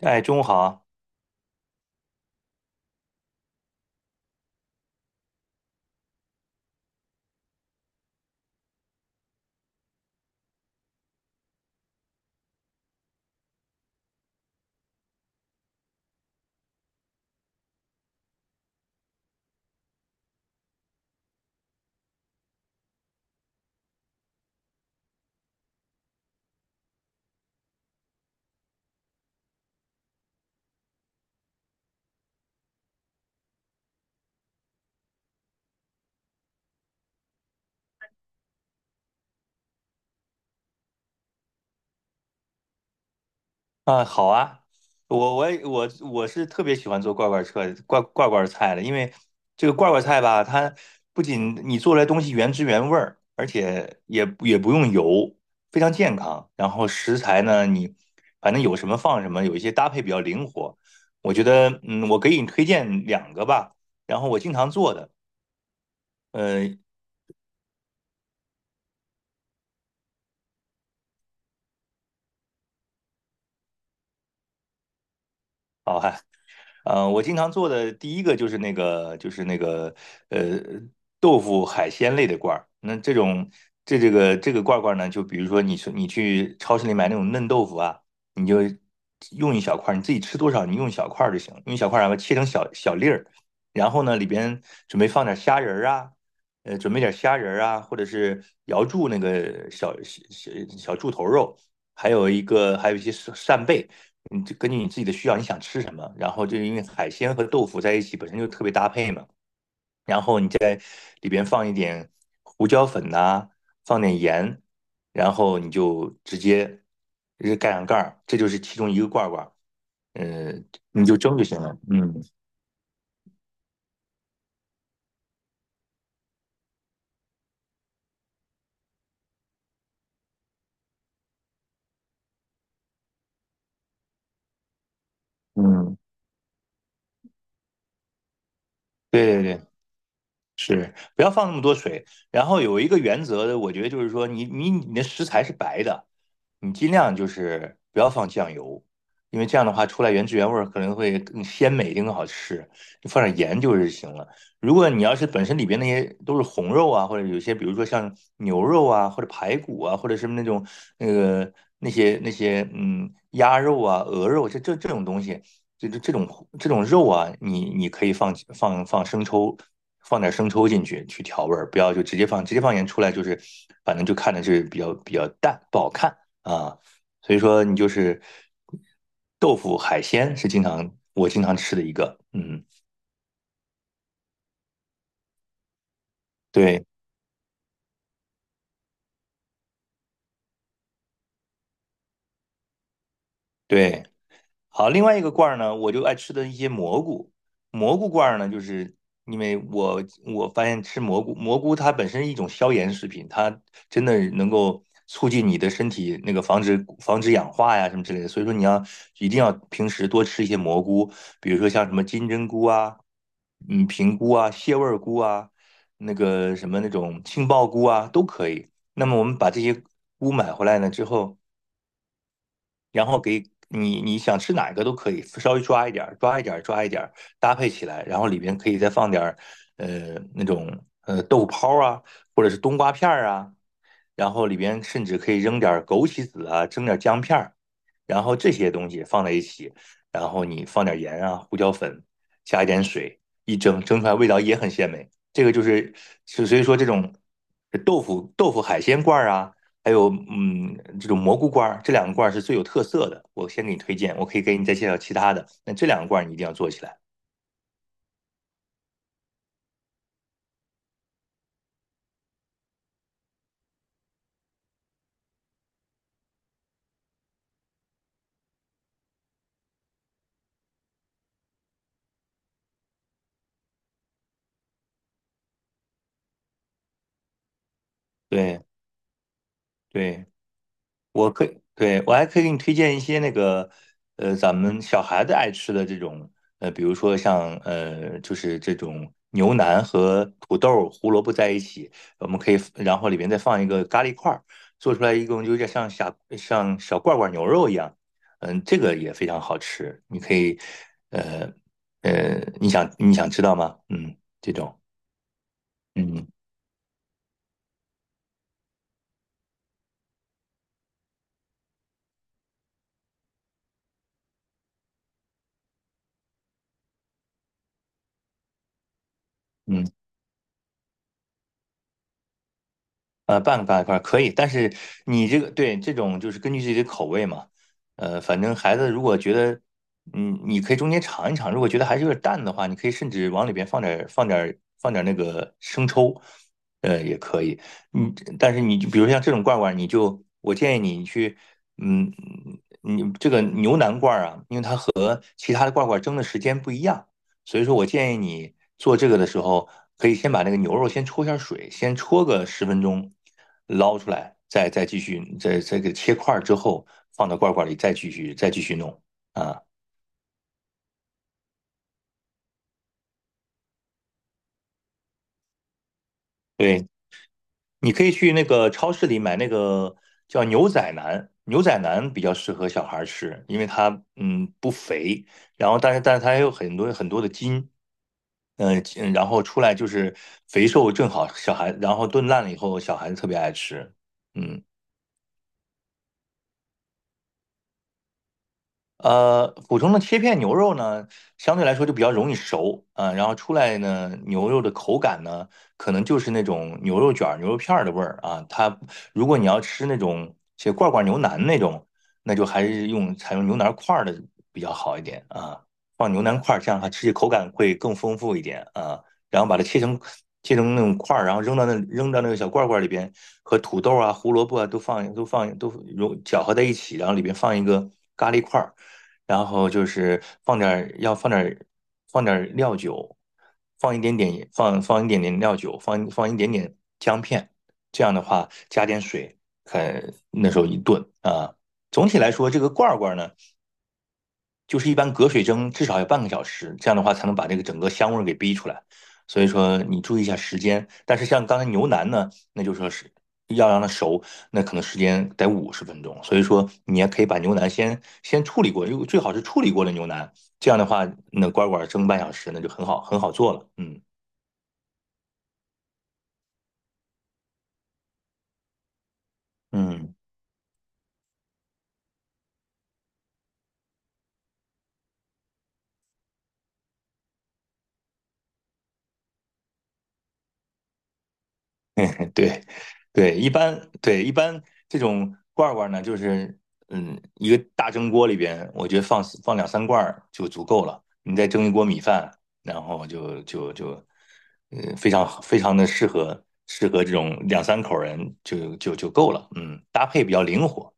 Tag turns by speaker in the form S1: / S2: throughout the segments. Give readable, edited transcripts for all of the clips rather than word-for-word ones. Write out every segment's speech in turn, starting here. S1: 哎，中午好啊。啊,好啊，我我也我我是特别喜欢做罐罐车罐罐罐菜的，因为这个罐罐菜吧，它不仅你做出来东西原汁原味儿，而且也不用油，非常健康。然后食材呢，你反正有什么放什么，有一些搭配比较灵活。我觉得，我给你推荐两个吧。然后我经常做的，呃，好。我经常做的第一个就是那个呃豆腐海鲜类的罐儿。那这种这个罐儿罐儿呢，就比如说你去超市里买那种嫩豆腐啊，你就用一小块儿，你自己吃多少你用一小块儿就行，用一小块儿然后切成小小粒儿，然后呢里边准备放点虾仁儿啊。准备点虾仁儿啊，或者是瑶柱那个小小柱头肉，还有一个还有一些扇贝，你就根据你自己的需要，你想吃什么，然后就因为海鲜和豆腐在一起本身就特别搭配嘛。然后你在里边放一点胡椒粉呐、放点盐，然后你就直接盖上盖儿，这就是其中一个罐儿罐儿。嗯、你就蒸就行了。嗯嗯，对对对。是，不要放那么多水。然后有一个原则，我觉得就是说你的食材是白的，你尽量就是不要放酱油，因为这样的话出来原汁原味儿可能会更鲜美一定更好吃。你放点盐就是行了。如果你要是本身里边那些都是红肉啊，或者有些比如说像牛肉啊，或者排骨啊，或者什么那种那个那些鸭肉啊、鹅肉这种东西，这种肉啊，你可以放生抽。放点生抽进去调味儿，不要就直接放，直接放盐出来就是反正就看着是比较淡，不好看啊。所以说你就是豆腐海鲜是我经常吃的一个。嗯，对。对，好，另外一个罐儿呢，我就爱吃的一些蘑菇。蘑菇罐儿呢，就是因为我发现吃蘑菇，蘑菇它本身是一种消炎食品，它真的能够促进你的身体那个防止氧化呀什么之类的。所以说你要一定要平时多吃一些蘑菇，比如说像什么金针菇啊、平菇啊、蟹味儿菇啊、那个什么那种杏鲍菇啊都可以。那么我们把这些菇买回来呢之后，然后给你你想吃哪个都可以，稍微抓一点搭配起来，然后里边可以再放点那种豆腐泡啊，或者是冬瓜片儿啊，然后里边甚至可以扔点枸杞子啊，蒸点姜片儿，然后这些东西放在一起，然后你放点盐啊、胡椒粉，加一点水，一蒸，蒸出来味道也很鲜美。这个就是，所以说这种豆腐海鲜罐啊，还有这种蘑菇罐儿，这两个罐儿是最有特色的。我先给你推荐，我可以给你再介绍其他的。那这两个罐儿你一定要做起来。对。对，我可以，对，我还可以给你推荐一些那个，咱们小孩子爱吃的这种。比如说就是这种牛腩和土豆、胡萝卜在一起，我们可以，然后里面再放一个咖喱块儿，做出来一共就有点像小罐罐牛肉一样。嗯，这个也非常好吃，你可以。呃你想知道吗？嗯，这种。嗯嗯。半个大块儿可以，但是你这个对这种就是根据自己的口味嘛。反正孩子如果觉得，嗯，你可以中间尝一尝，如果觉得还是有点淡的话，你可以甚至往里边放点儿那个生抽，也可以。嗯，但是你就比如像这种罐罐，你就我建议你去。嗯，你这个牛腩罐儿啊，因为它和其他的罐罐蒸的时间不一样。所以说我建议你做这个的时候，可以先把那个牛肉先焯一下水，先焯个十分钟，捞出来，再继续，再给切块儿之后放到罐罐里，再继续弄啊。对，你可以去那个超市里买那个叫牛仔腩，牛仔腩比较适合小孩儿吃，因为它不肥，然后但是它也有很多的筋。嗯。然后出来就是肥瘦正好，小孩，然后炖烂了以后，小孩子特别爱吃。嗯。普通的切片牛肉呢，相对来说就比较容易熟啊，然后出来呢，牛肉的口感呢，可能就是那种牛肉卷儿、牛肉片儿的味儿啊。它如果你要吃那种些罐罐牛腩那种，那就还是采用牛腩块儿的比较好一点啊。放牛腩块儿，这样它吃起口感会更丰富一点啊。然后把它切成那种块儿，然后扔到那个小罐罐里边，和土豆啊、胡萝卜啊都放搅和在一起，然后里边放一个咖喱块儿。然后就是放点儿料酒，放一点点料酒，放一点点姜片，这样的话加点水，看那时候一炖啊。总体来说，这个罐儿罐儿呢，就是一般隔水蒸至少要半个小时，这样的话才能把这个整个香味儿给逼出来。所以说你注意一下时间，但是像刚才牛腩呢，那就说是要让它熟，那可能时间得五十分钟。所以说你也可以把牛腩先处理过，因为最好是处理过的牛腩，这样的话那乖乖蒸半小时，那就很好做了。嗯嗯，对。一般这种罐儿罐儿呢，就是一个大蒸锅里边，我觉得放两三罐儿就足够了。你再蒸一锅米饭，然后就就就，嗯，非常非常的适合这种两三口人就够了。嗯，搭配比较灵活。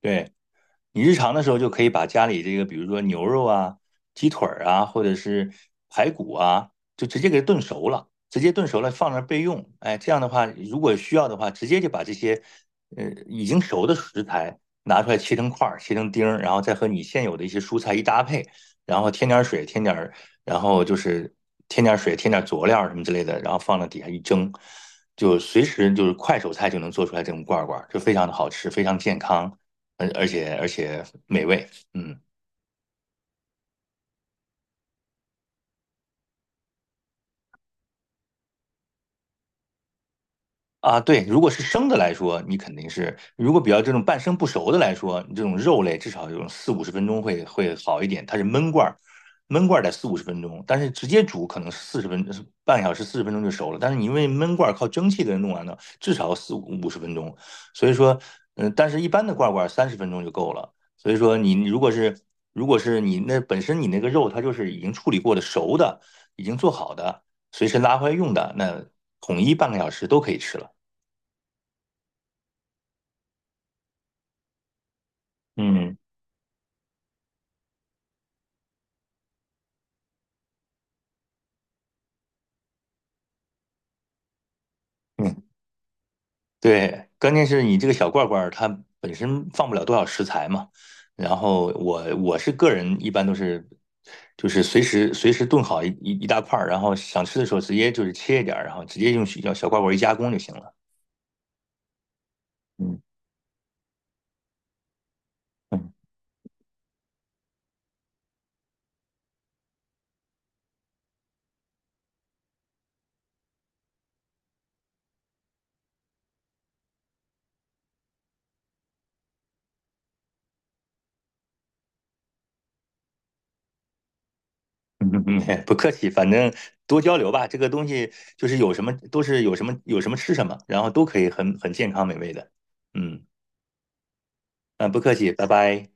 S1: 对，你日常的时候就可以把家里这个，比如说牛肉啊、鸡腿儿啊，或者是排骨啊，就直接给它炖熟了，直接炖熟了放那儿备用。哎，这样的话，如果需要的话，直接就把这些已经熟的食材拿出来切成块儿、切成丁儿，然后再和你现有的一些蔬菜一搭配，然后然后就是添点儿水、添点儿佐料什么之类的，然后放到底下一蒸。就随时就是快手菜就能做出来这种罐儿罐儿，就非常的好吃，非常健康。而且美味。嗯。啊，对，如果是生的来说，你肯定是；如果比较这种半生不熟的来说，你这种肉类至少有四五十分钟会好一点。它是焖罐儿，焖罐儿得四五十分钟，但是直接煮可能是四十分半小时40分钟就熟了。但是你因为焖罐儿靠蒸汽给它弄完了，至少四五十分钟。所以说，但是一般的罐儿罐30分钟就够了。所以说你，如果是你那本身你那个肉它就是已经处理过的熟的，已经做好的，随时拉回来用的，那统一半个小时都可以吃了。嗯嗯，对。关键是你这个小罐罐儿它本身放不了多少食材嘛，然后我是个人一般都是就是随时炖好一大块儿，然后想吃的时候直接就是切一点儿，然后直接用小小罐罐儿一加工就行了。嗯嗯嗯。 不客气，反正多交流吧，这个东西就是有什么吃什么，然后都可以很健康美味的。嗯。啊，不客气，拜拜。